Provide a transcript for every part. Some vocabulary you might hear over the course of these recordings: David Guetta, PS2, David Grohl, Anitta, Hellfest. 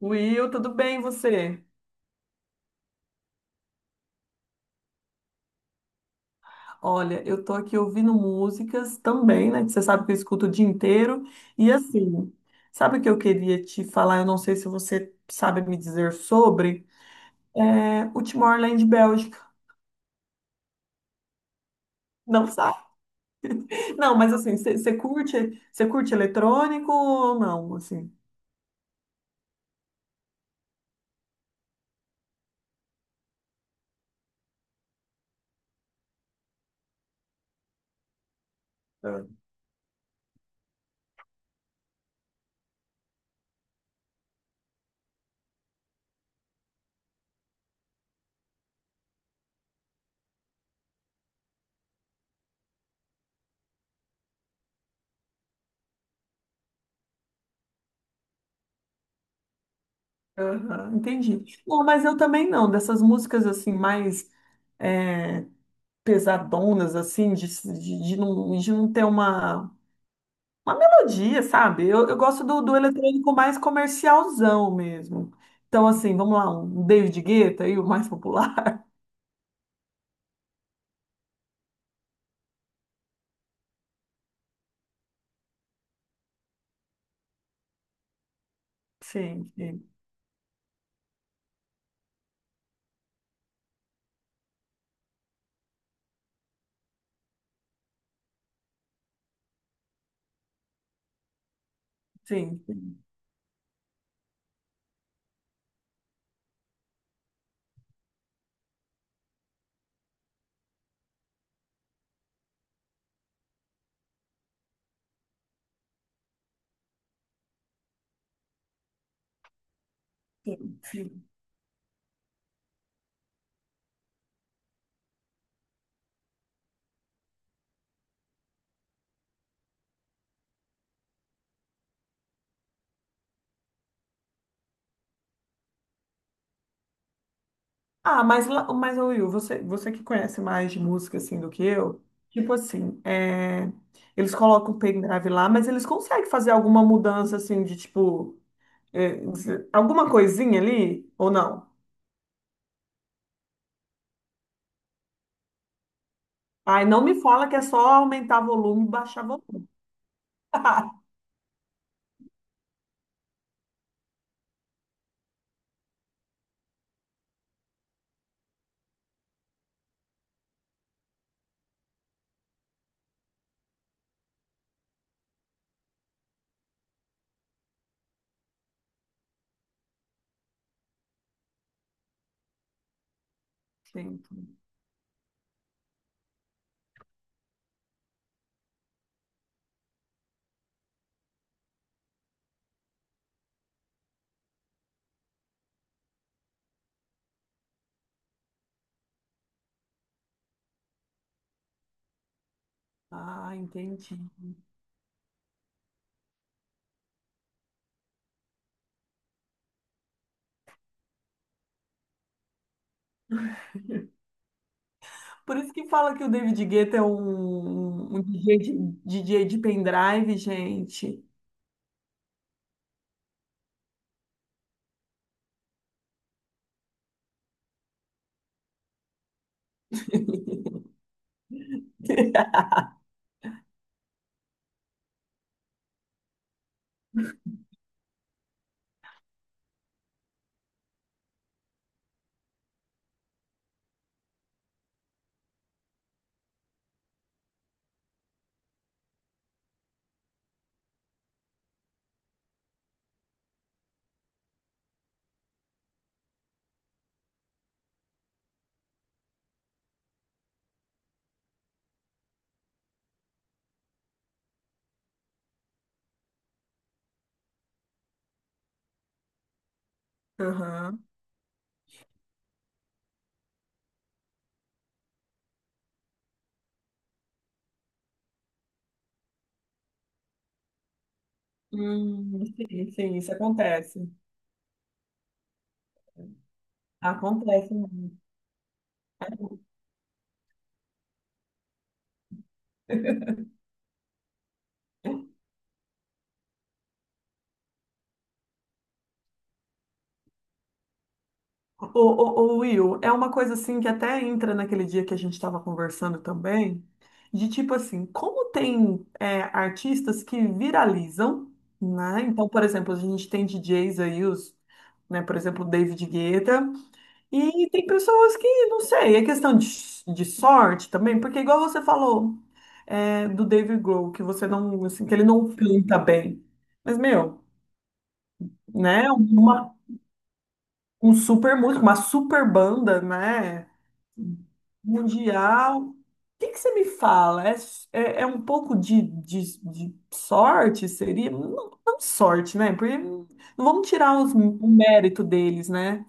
Will, tudo bem e você? Olha, eu tô aqui ouvindo músicas também, né? que Você sabe que eu escuto o dia inteiro. E assim, sabe o que eu queria te falar? Eu não sei se você sabe me dizer sobre o Timor-Leste Bélgica. Não sabe? Não, mas assim, você curte, você curte eletrônico ou não, assim? Ah. Aham, entendi. Não, mas eu também não, dessas músicas assim, mais é, pesadonas, assim, de não, de não ter uma. Uma melodia, sabe? Eu gosto do eletrônico mais comercialzão mesmo. Então, assim, vamos lá, um David Guetta aí, o mais popular. Sim, sim, sim, sim, sim. Ah, mas, mas ô, Will, você, você que conhece mais de música assim do que eu, tipo assim, eles colocam o pendrive lá, mas eles conseguem fazer alguma mudança assim de tipo, é, alguma coisinha ali ou não? Ai, não me fala que é só aumentar volume e baixar volume. Sim. Ah, entendi. Por isso que fala que o David Guetta é um DJ, DJ de pendrive, gente. Aham. Sim, sim, isso acontece. Acontece mesmo. Ô, ô, ô, Will, é uma coisa assim que até entra naquele dia que a gente estava conversando também, de tipo assim, como tem artistas que viralizam, né? Então, por exemplo, a gente tem DJs aí, os, né, por exemplo, o David Guetta. E tem pessoas que, não sei, é questão de sorte também, porque igual você falou do David Grohl, que você não, assim, que ele não canta bem. Mas, meu, né, uma, um super músico, uma super banda, né, mundial. O que que você me fala? É, é, é um pouco de sorte, seria? Não, não sorte, né, porque não vamos tirar o mérito deles, né?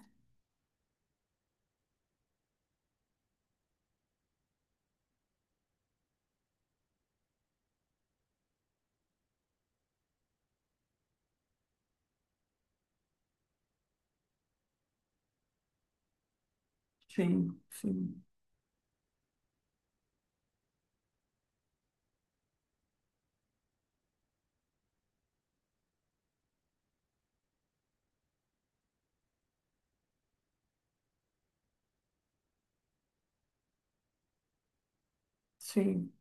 Sim, sim, sim,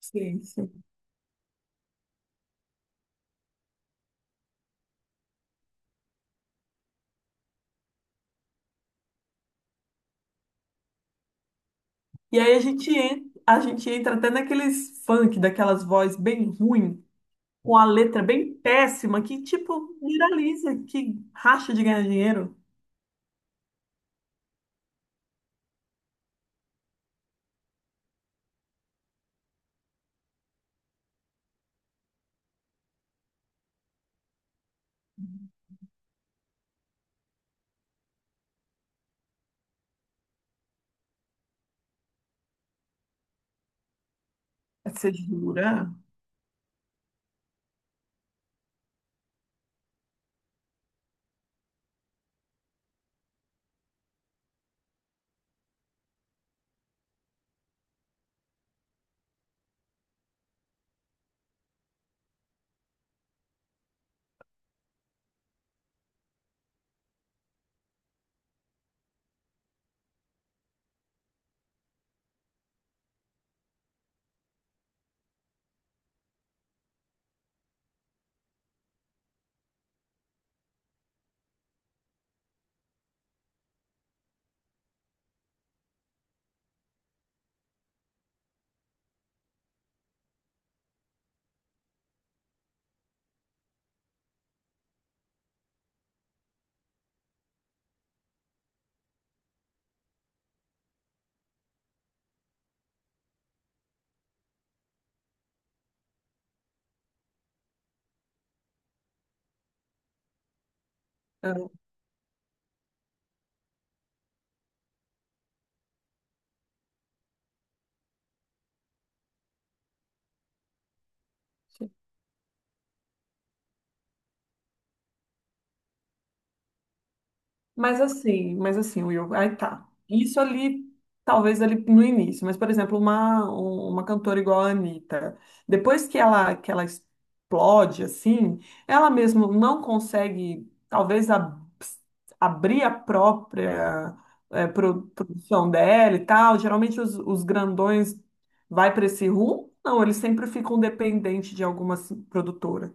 sim, sim. E aí a gente entra até naqueles funk, daquelas vozes bem ruim, com a letra bem péssima, que tipo viraliza, que racha de ganhar dinheiro. Você jura? É. Mas assim, Will, aí tá. Isso ali, talvez ali no início, mas, por exemplo, uma, uma cantora igual a Anitta, depois que ela explode, assim, ela mesmo não consegue, talvez, abrir a própria produção dela e tal. Geralmente os grandões vai para esse rumo, não, eles sempre ficam dependentes de alguma assim, produtora.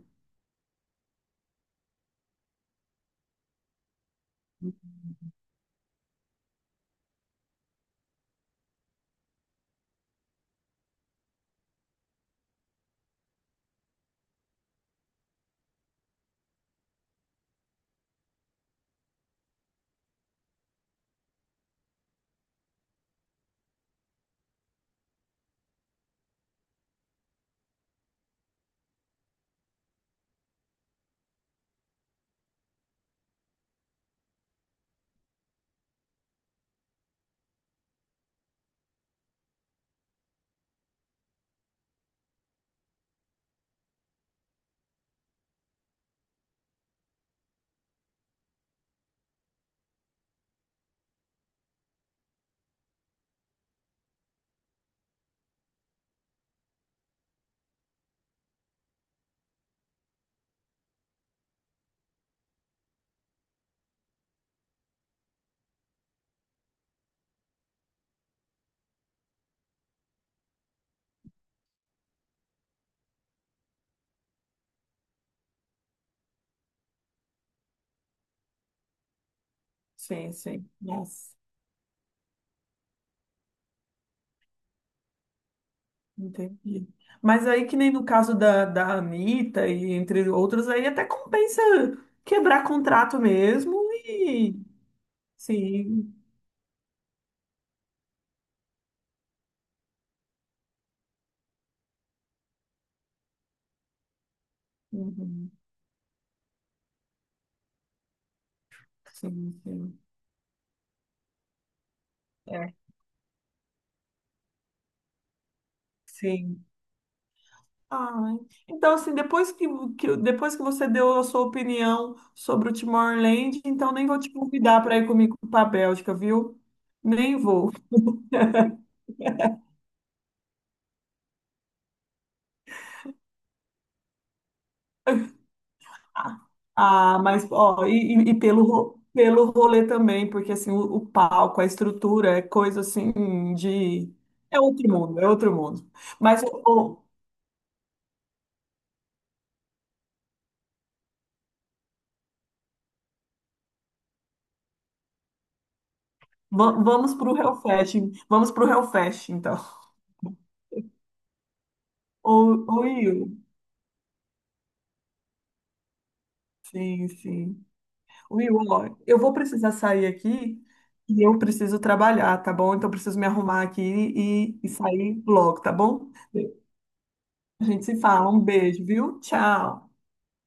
Sim, sim. Nossa. Entendi. Mas aí, que nem no caso da, da Anitta e entre outros, aí até compensa quebrar contrato mesmo e sim, uhum, sim, sim. É. Sim. Ai. Então, assim, depois que, depois que você deu a sua opinião sobre o Timor-Leste, então nem vou te convidar para ir comigo para a Bélgica, viu? Nem vou. Ah, mas ó, e, e pelo, pelo rolê também, porque assim, o palco, a estrutura, é coisa assim de. É outro mundo, é outro mundo. Mas ô, ô, va- vamos pro Hellfest, vamos pro Hellfest, então. Ô, ô, Will, sim, sim. Will, ó, eu vou precisar sair aqui e eu preciso trabalhar, tá bom? Então eu preciso me arrumar aqui e sair logo, tá bom? A gente se fala, um beijo, viu? Tchau.